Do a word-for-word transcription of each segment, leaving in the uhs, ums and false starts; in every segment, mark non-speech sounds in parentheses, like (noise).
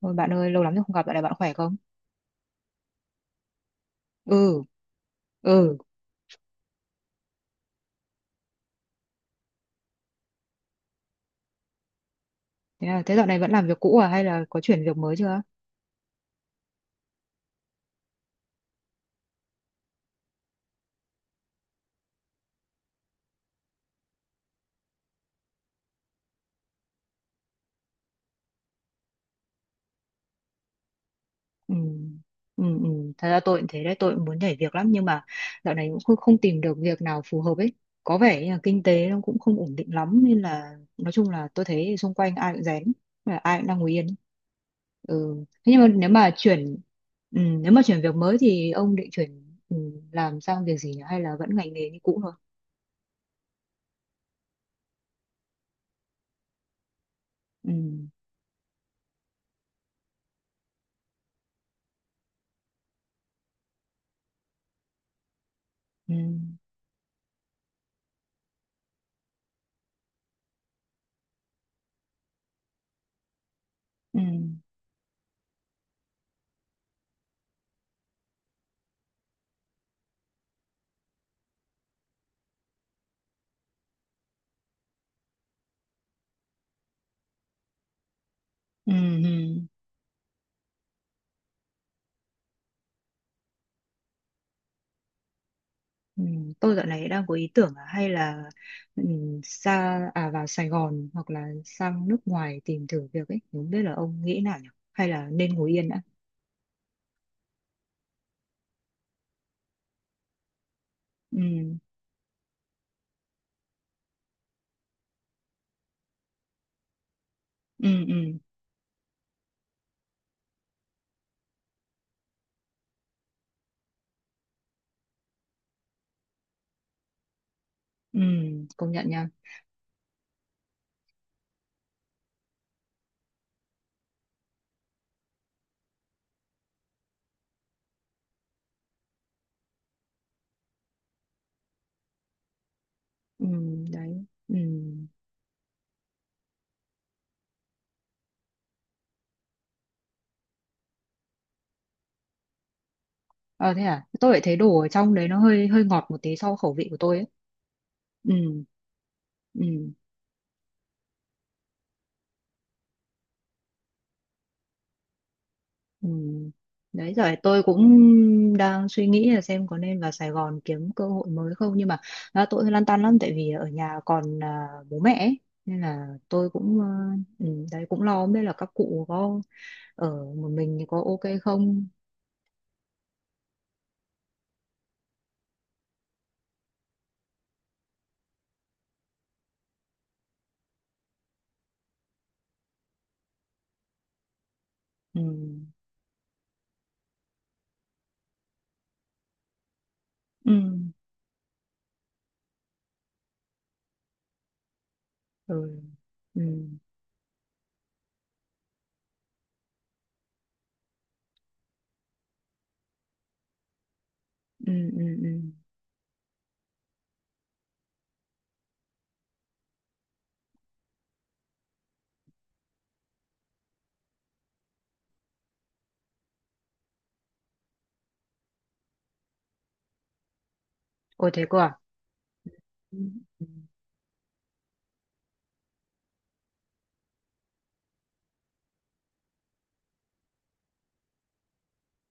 Ôi bạn ơi, lâu lắm rồi không gặp, dạo này bạn khỏe không? Ừ, ừ. Thế, là, thế dạo này vẫn làm việc cũ à hay là có chuyển việc mới chưa? Ừ. Ừ, ừ. Thật ra tôi cũng thế đấy, tôi cũng muốn nhảy việc lắm nhưng mà dạo này cũng không, không tìm được việc nào phù hợp ấy. Có vẻ như là kinh tế nó cũng không ổn định lắm nên là nói chung là tôi thấy xung quanh ai cũng rén, là ai cũng đang ngồi yên. Ừ. Thế nhưng mà nếu mà chuyển ừ, nếu mà chuyển việc mới thì ông định chuyển ừ, làm sang việc gì nhỉ? Hay là vẫn ngành nghề như cũ thôi? Ừ. Ừ. Ừ. Ừ, ừ, ừ. Tôi dạo này đang có ý tưởng là hay là ừ, xa à vào Sài Gòn hoặc là sang nước ngoài tìm thử việc ấy, không biết là ông nghĩ nào nhỉ? Hay là nên ngồi yên đã? Ừ, ừ, ừ, ừ, công nhận nha. Ừ, đấy. Ừ. Ờ, thế à? Tôi lại thấy đồ ở trong đấy nó hơi hơi ngọt một tí so với khẩu vị của tôi ấy. Ừ, ừ. Ừ. Đấy rồi tôi cũng đang suy nghĩ là xem có nên vào Sài Gòn kiếm cơ hội mới không nhưng mà à, tôi lăn tăn lắm tại vì ở nhà còn à, bố mẹ ấy. Nên là tôi cũng à, ừ, đấy cũng lo không biết là các cụ có ở một mình thì có ok không. Ừ. Ừ. Ừ. Ừ. Ừ. Ừ. Ừ. Ôi thế cơ à. Ừ.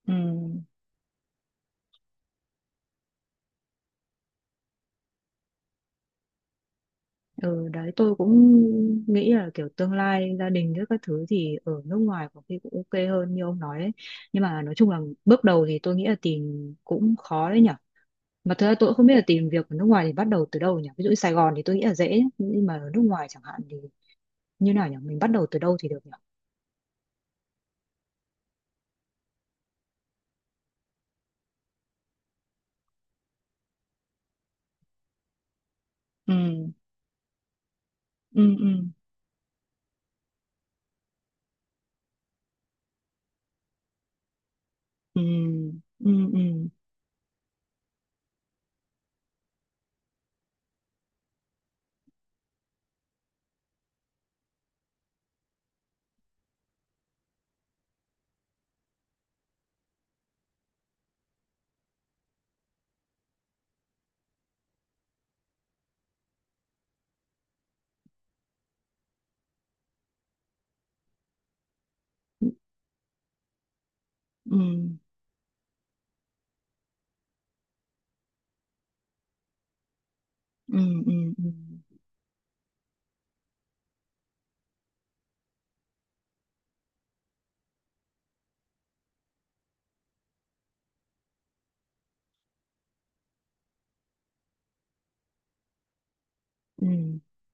Ừ. Ừ, đấy tôi cũng nghĩ là kiểu tương lai gia đình với các thứ thì ở nước ngoài có khi cũng ok hơn như ông nói ấy. Nhưng mà nói chung là bước đầu thì tôi nghĩ là tìm cũng khó đấy nhở. Mà thực ra tôi cũng không biết là tìm việc ở nước ngoài thì bắt đầu từ đâu nhỉ? Ví dụ như Sài Gòn thì tôi nghĩ là dễ, nhưng mà ở nước ngoài chẳng hạn thì như nào nhỉ? Mình bắt đầu từ đâu thì được nhỉ? Ừ. Ừ. Ừ. Ừ. Ừ. Ừ. Ừ. Ừ. Ừ. Ừ. Ừ.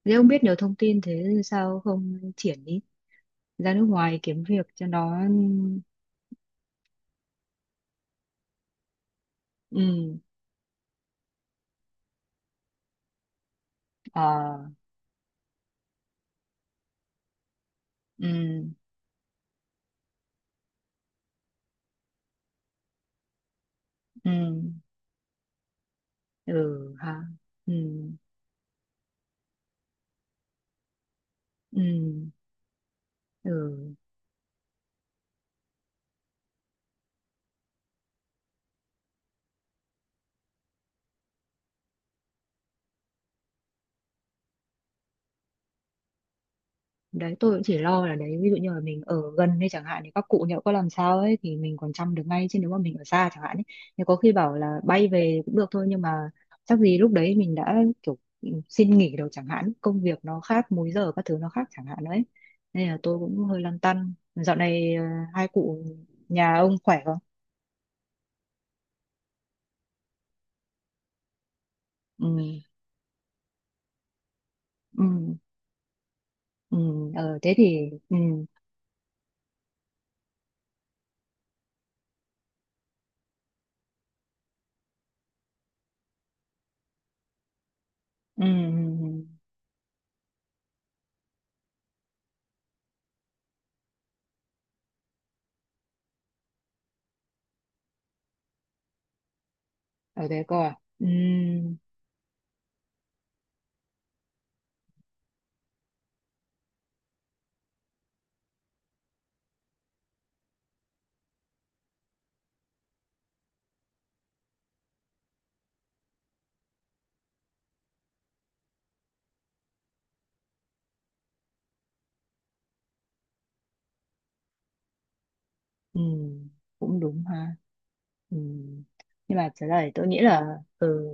Thế ông biết nhiều thông tin thế sao không triển đi ra nước ngoài kiếm việc cho nó? Ừ. Ờ. Ừ. Ừ. Ừ ha. Ừ. Ừ. Ừ. Đấy tôi cũng chỉ lo là đấy ví dụ như là mình ở gần hay chẳng hạn thì các cụ nhỡ có làm sao ấy thì mình còn chăm được ngay chứ nếu mà mình ở xa chẳng hạn ấy thì có khi bảo là bay về cũng được thôi nhưng mà chắc gì lúc đấy mình đã kiểu xin nghỉ đâu chẳng hạn công việc nó khác múi giờ các thứ nó khác chẳng hạn đấy nên là tôi cũng hơi lăn tăn dạo này ờ, hai cụ nhà ông khỏe không? Ừ. Ừ. Ừ. Ờ thế thì. Ừ. Ừ. Ừ. Ở đấy coi à? Ừ. Ừ. Cũng đúng ha. Ừ. Nhưng mà trở lại tôi nghĩ là. Ừ.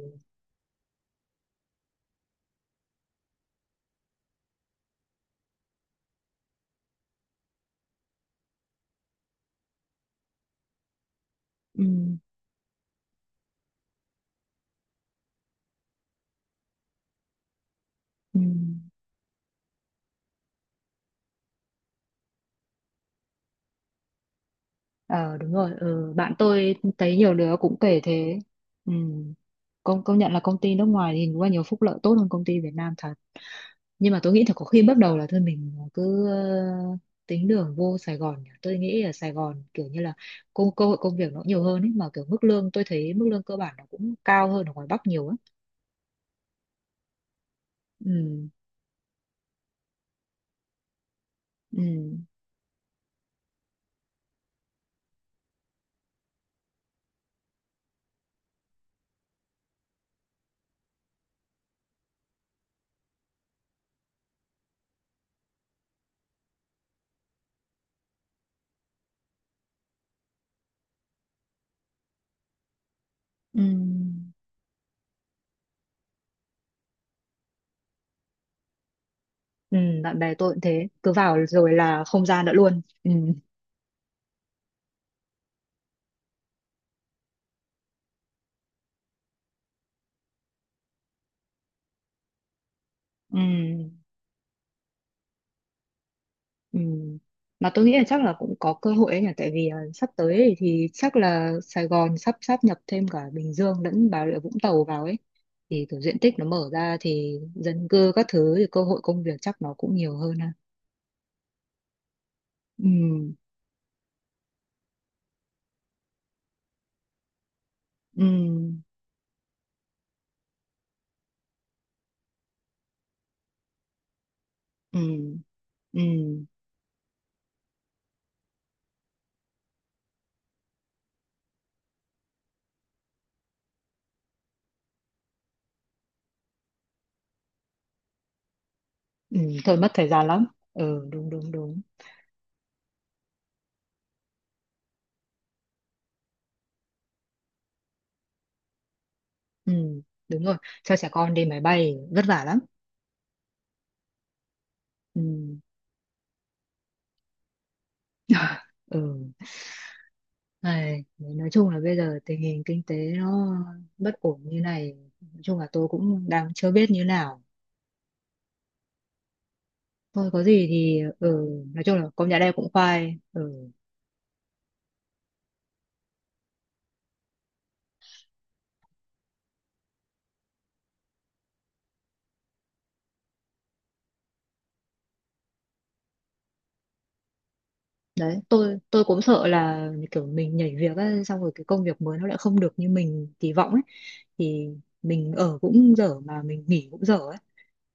Ừ. Ừ. Ờ đúng rồi. Ừ. Bạn tôi thấy nhiều đứa cũng kể thế. Ừ. công công nhận là công ty nước ngoài thì đúng là nhiều phúc lợi tốt hơn công ty Việt Nam thật. Nhưng mà tôi nghĩ là có khi bước đầu là thôi mình cứ ờ, tính đường vô Sài Gòn nhỉ. Tôi nghĩ ở Sài Gòn kiểu như là công cơ hội công việc nó nhiều hơn ấy mà kiểu mức lương tôi thấy mức lương cơ bản nó cũng cao hơn ở ngoài Bắc nhiều á. Ừ. Ừ. Ừ. Ừ. Bạn bè tôi cũng thế cứ vào rồi là không ra nữa luôn. Ừ. Ừ. Ừ. Mà tôi nghĩ là chắc là cũng có cơ hội ấy nhỉ tại vì à, sắp tới ấy thì chắc là Sài Gòn sắp sáp nhập thêm cả Bình Dương lẫn Bà Rịa Vũng Tàu vào ấy thì kiểu diện tích nó mở ra thì dân cư các thứ thì cơ hội công việc chắc nó cũng nhiều hơn ha. Ừ. Ừ. Ừ. Ừ. Ừ. Thôi mất thời gian lắm. Ừ. Đúng đúng đúng. Ừ. Đúng rồi. Cho trẻ con đi máy bay vất vả lắm. Ừ. (laughs) Ừ. Này, đấy, nói chung là bây giờ tình hình kinh tế nó bất ổn như này, nói chung là tôi cũng đang chưa biết như nào. Thôi có gì thì ừ, nói chung là công nhà đây cũng khoai. Ừ. Đấy, tôi tôi cũng sợ là kiểu mình nhảy việc ấy, xong rồi cái công việc mới nó lại không được như mình kỳ vọng ấy thì mình ở cũng dở mà mình nghỉ cũng dở ấy.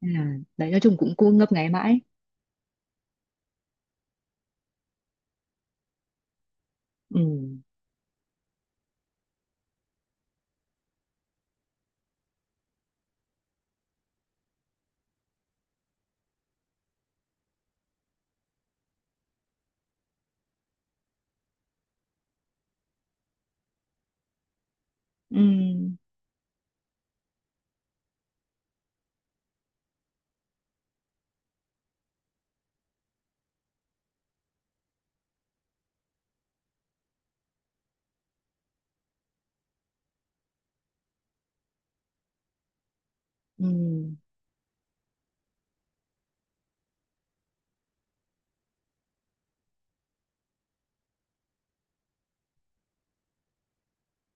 Nên là đấy nói chung cũng cứ ngấp nghé mãi. Ừ. Ừ. Ừ.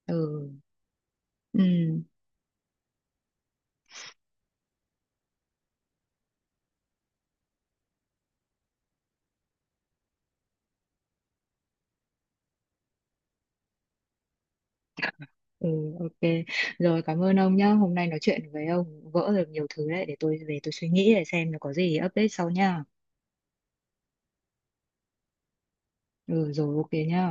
Ừ. Ừ. Ừ, ok. Rồi cảm ơn ông nhá. Hôm nay nói chuyện với ông vỡ được nhiều thứ đấy để tôi về tôi suy nghĩ để xem là có gì update sau nha. Ừ rồi ok nhá.